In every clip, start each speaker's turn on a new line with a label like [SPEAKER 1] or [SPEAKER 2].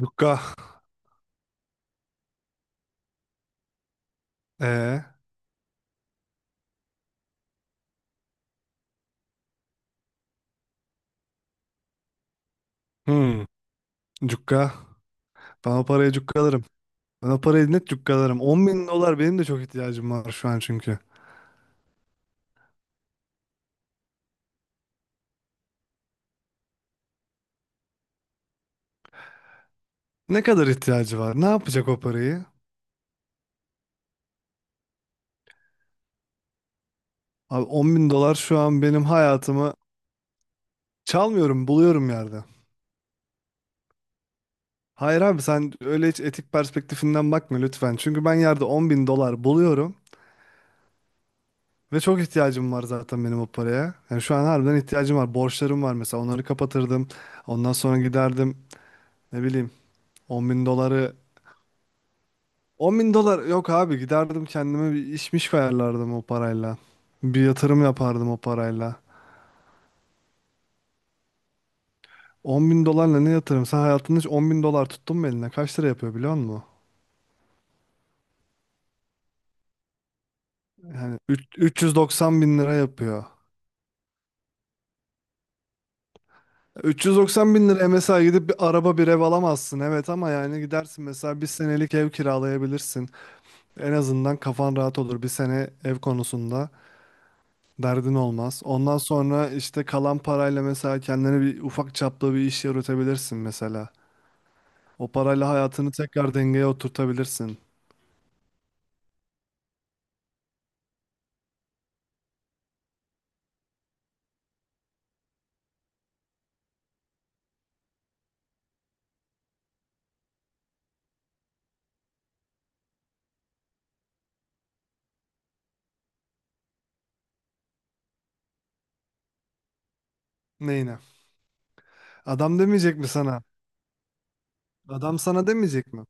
[SPEAKER 1] Cukka. Ee, hmm. Cukka. Ben o paraya cukka alırım. Ben o parayı net cukka alırım. 10 bin dolar benim de çok ihtiyacım var şu an çünkü. Ne kadar ihtiyacı var? Ne yapacak o parayı? Abi 10 bin dolar şu an benim hayatımı çalmıyorum, buluyorum yerde. Hayır abi sen öyle hiç etik perspektifinden bakma lütfen. Çünkü ben yerde 10 bin dolar buluyorum. Ve çok ihtiyacım var zaten benim o paraya. Yani şu an harbiden ihtiyacım var. Borçlarım var mesela onları kapatırdım. Ondan sonra giderdim ne bileyim 10 bin doları 10 bin dolar yok abi giderdim kendime bir işmiş ayarlardım o parayla. Bir yatırım yapardım o parayla. 10 bin dolarla ne yatırım? Sen hayatında hiç 10 bin dolar tuttun mu eline? Kaç lira yapıyor biliyor musun? Yani 390 bin lira yapıyor. 390 bin liraya mesela gidip bir araba bir ev alamazsın evet ama yani gidersin mesela bir senelik ev kiralayabilirsin. En azından kafan rahat olur bir sene ev konusunda derdin olmaz. Ondan sonra işte kalan parayla mesela kendine bir ufak çaplı bir iş yürütebilirsin mesela. O parayla hayatını tekrar dengeye oturtabilirsin. Neyine? Adam demeyecek mi sana? Adam sana demeyecek mi?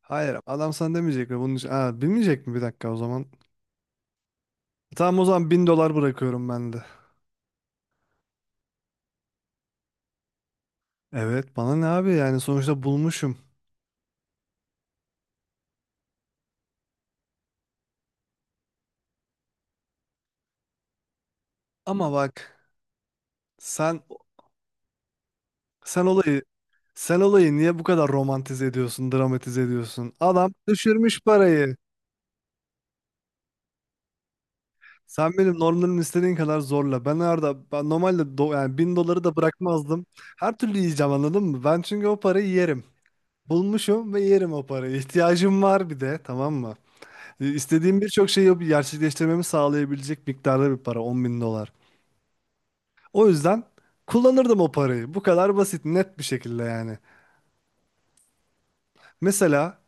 [SPEAKER 1] Hayır, adam sana demeyecek mi? Bunun için... Aa, bilmeyecek mi? Bir dakika o zaman. Tamam o zaman bin dolar bırakıyorum ben de. Evet, bana ne abi yani sonuçta bulmuşum. Ama bak sen sen olayı sen olayı niye bu kadar romantize ediyorsun, dramatize ediyorsun? Adam düşürmüş parayı. Sen benim normlarımı istediğin kadar zorla. Ben normalde yani bin doları da bırakmazdım. Her türlü yiyeceğim anladın mı? Ben çünkü o parayı yerim. Bulmuşum ve yerim o parayı. İhtiyacım var bir de tamam mı? İstediğim birçok şeyi gerçekleştirmemi sağlayabilecek miktarda bir para 10 bin dolar. O yüzden kullanırdım o parayı. Bu kadar basit net bir şekilde yani. Mesela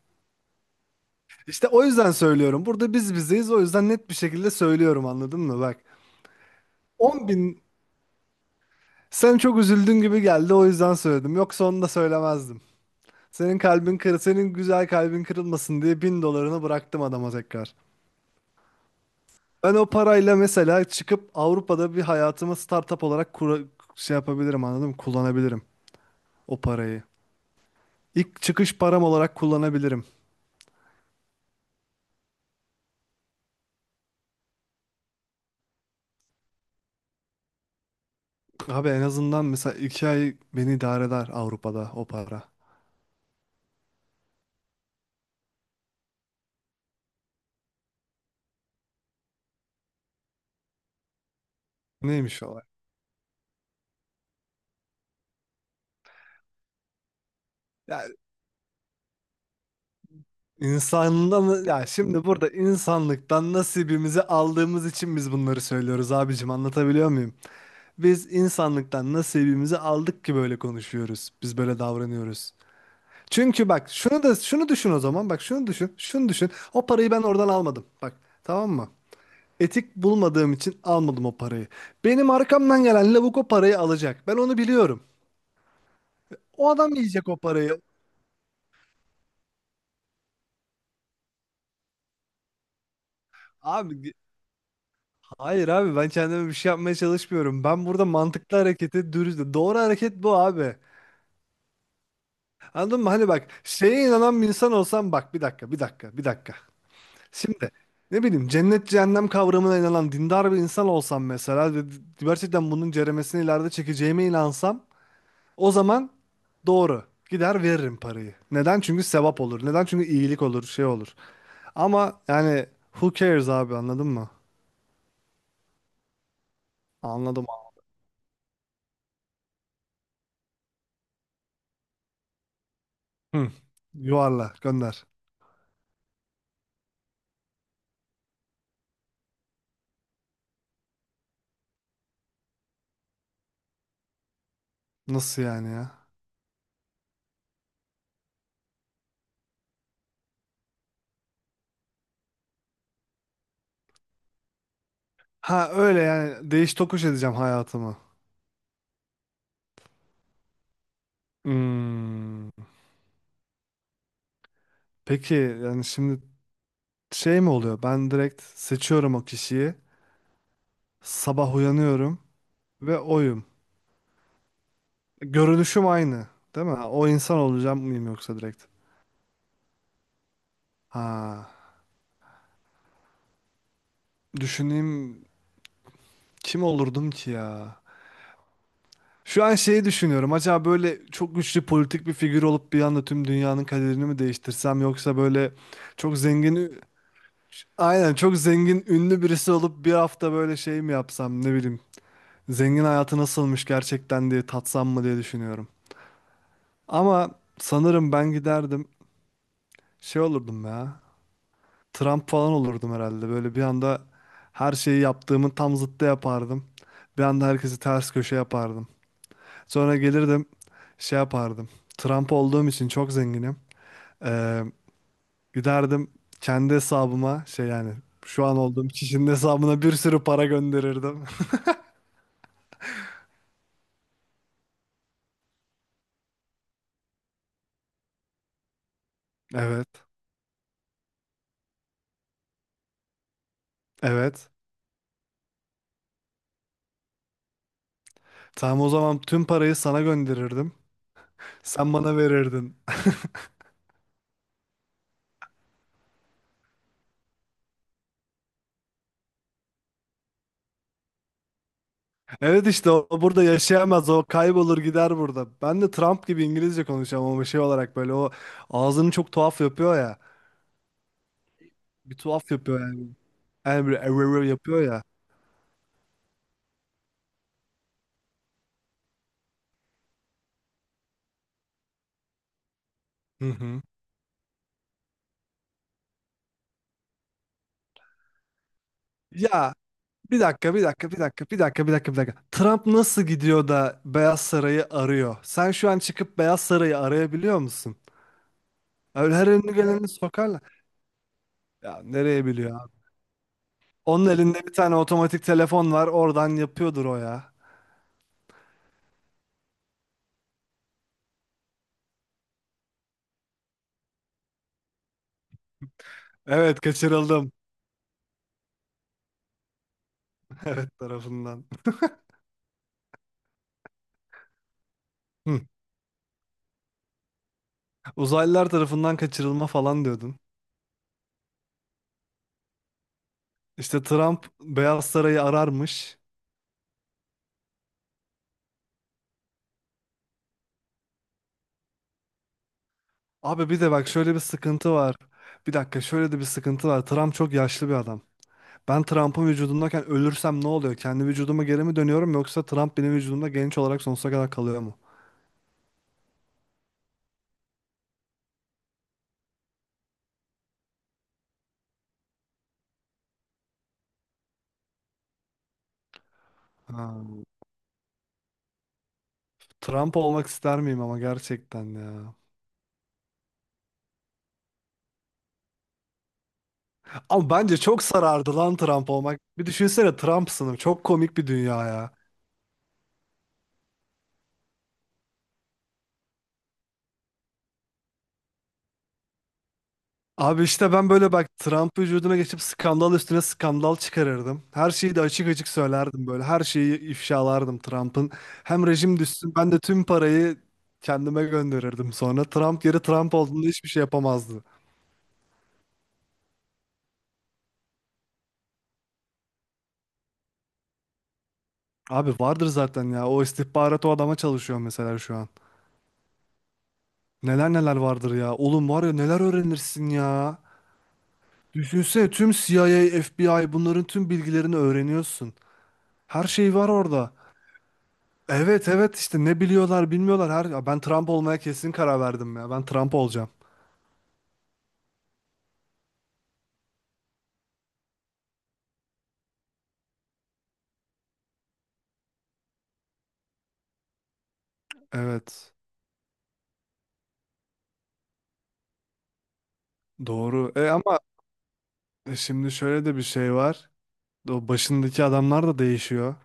[SPEAKER 1] işte o yüzden söylüyorum. Burada biz bizeyiz o yüzden net bir şekilde söylüyorum anladın mı? Bak 10.000. Sen çok üzüldün gibi geldi o yüzden söyledim. Yoksa onu da söylemezdim. Senin kalbin kır, senin güzel kalbin kırılmasın diye bin dolarını bıraktım adama tekrar. Ben o parayla mesela çıkıp Avrupa'da bir hayatımı startup olarak şey yapabilirim anladın mı? Kullanabilirim o parayı. İlk çıkış param olarak kullanabilirim. Abi en azından mesela 2 ay beni idare eder Avrupa'da o para. Neymiş o olay? Ya İnsandan ya şimdi burada insanlıktan nasibimizi aldığımız için biz bunları söylüyoruz abicim anlatabiliyor muyum? Biz insanlıktan nasibimizi aldık ki böyle konuşuyoruz. Biz böyle davranıyoruz. Çünkü bak şunu da şunu düşün o zaman bak şunu düşün şunu düşün. O parayı ben oradan almadım bak tamam mı? Etik bulmadığım için almadım o parayı. Benim arkamdan gelen lavuk o parayı alacak. Ben onu biliyorum. O adam yiyecek o parayı. Abi, hayır abi ben kendime bir şey yapmaya çalışmıyorum. Ben burada mantıklı hareketi dürüst. Doğru hareket bu abi. Anladın mı? Hani bak şeye inanan bir insan olsam bak bir dakika, bir dakika, bir dakika. Şimdi ne bileyim cennet cehennem kavramına inanan dindar bir insan olsam mesela ve gerçekten bunun ceremesini ileride çekeceğime inansam o zaman doğru gider veririm parayı. Neden? Çünkü sevap olur. Neden? Çünkü iyilik olur şey olur. Ama yani who cares abi anladın mı? Anladım, abi. Hı. Yuvarla gönder. Nasıl yani ya? Ha, öyle yani değiş tokuş edeceğim hayatımı. Hmm. Peki yani şimdi şey mi oluyor? Ben direkt seçiyorum o kişiyi. Sabah uyanıyorum ve oyum. Görünüşüm aynı, değil mi? O insan olacağım mıyım yoksa direkt? Ha. Düşüneyim kim olurdum ki ya? Şu an şeyi düşünüyorum. Acaba böyle çok güçlü politik bir figür olup bir anda tüm dünyanın kaderini mi değiştirsem yoksa böyle çok zengin Aynen çok zengin ünlü birisi olup bir hafta böyle şey mi yapsam ne bileyim. Zengin hayatı nasılmış gerçekten diye tatsam mı diye düşünüyorum. Ama sanırım ben giderdim şey olurdum ya. Trump falan olurdum herhalde. Böyle bir anda her şeyi yaptığımın tam zıttı yapardım. Bir anda herkesi ters köşe yapardım. Sonra gelirdim şey yapardım. Trump olduğum için çok zenginim. Ee, giderdim kendi hesabıma şey yani şu an olduğum kişinin hesabına bir sürü para gönderirdim. Evet, evet. Tamam o zaman tüm parayı sana gönderirdim. Sen bana verirdin. Evet işte o burada yaşayamaz. O kaybolur gider burada. Ben de Trump gibi İngilizce konuşacağım ama şey olarak böyle o ağzını çok tuhaf yapıyor ya. Bir tuhaf yapıyor yani. Yani böyle "Evrr" yapıyor ya. Hı hı. Ya bir dakika, bir dakika, bir dakika, bir dakika, bir dakika, bir dakika. Trump nasıl gidiyor da Beyaz Saray'ı arıyor? Sen şu an çıkıp Beyaz Saray'ı arayabiliyor musun? Öyle her önüne geleni sokarlar. Ya nereye biliyor? Onun elinde bir tane otomatik telefon var. Oradan yapıyordur o ya. Evet, kaçırıldım. Evet tarafından. Hı. Uzaylılar tarafından kaçırılma falan diyordun. İşte Trump Beyaz Saray'ı ararmış. Abi bir de bak şöyle bir sıkıntı var. Bir dakika şöyle de bir sıkıntı var. Trump çok yaşlı bir adam. Ben Trump'ın vücudundayken ölürsem ne oluyor? Kendi vücuduma geri mi dönüyorum yoksa Trump benim vücudumda genç olarak sonsuza kadar kalıyor mu? Ha. Trump olmak ister miyim ama gerçekten ya. Ama bence çok sarardı lan Trump olmak. Bir düşünsene Trump'sınım. Çok komik bir dünya ya. Abi işte ben böyle bak Trump vücuduna geçip skandal üstüne skandal çıkarırdım. Her şeyi de açık açık söylerdim böyle. Her şeyi ifşalardım Trump'ın. Hem rejim düşsün ben de tüm parayı kendime gönderirdim sonra. Trump yeri Trump olduğunda hiçbir şey yapamazdı. Abi vardır zaten ya. O istihbarat o adama çalışıyor mesela şu an. Neler neler vardır ya. Oğlum var ya neler öğrenirsin ya. Düşünsene tüm CIA, FBI bunların tüm bilgilerini öğreniyorsun. Her şey var orada. Evet evet işte ne biliyorlar bilmiyorlar. Her ya ben Trump olmaya kesin karar verdim ya. Ben Trump olacağım. Evet. Doğru. Ama şimdi şöyle de bir şey var. O başındaki adamlar da değişiyor.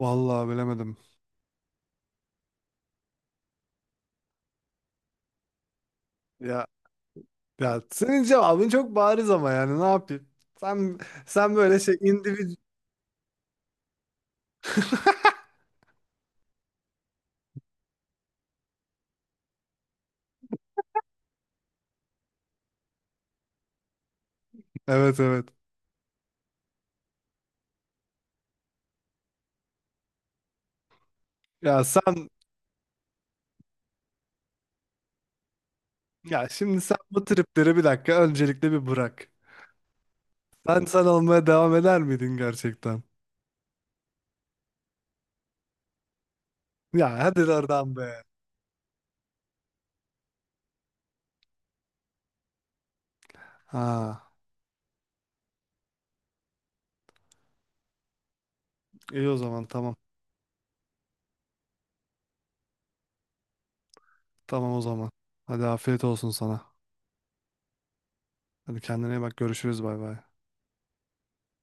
[SPEAKER 1] Vallahi bilemedim. Ya ya senin cevabın çok bariz ama yani ne yapayım? Sen sen böyle şey. Evet evet. Ya sen ya şimdi sen bu tripleri bir dakika öncelikle bir bırak. Sen sen olmaya devam eder miydin gerçekten? Ya hadi oradan be. Ha, iyi o zaman tamam. Tamam o zaman. Hadi afiyet olsun sana. Hadi kendine iyi bak, görüşürüz, bay bay.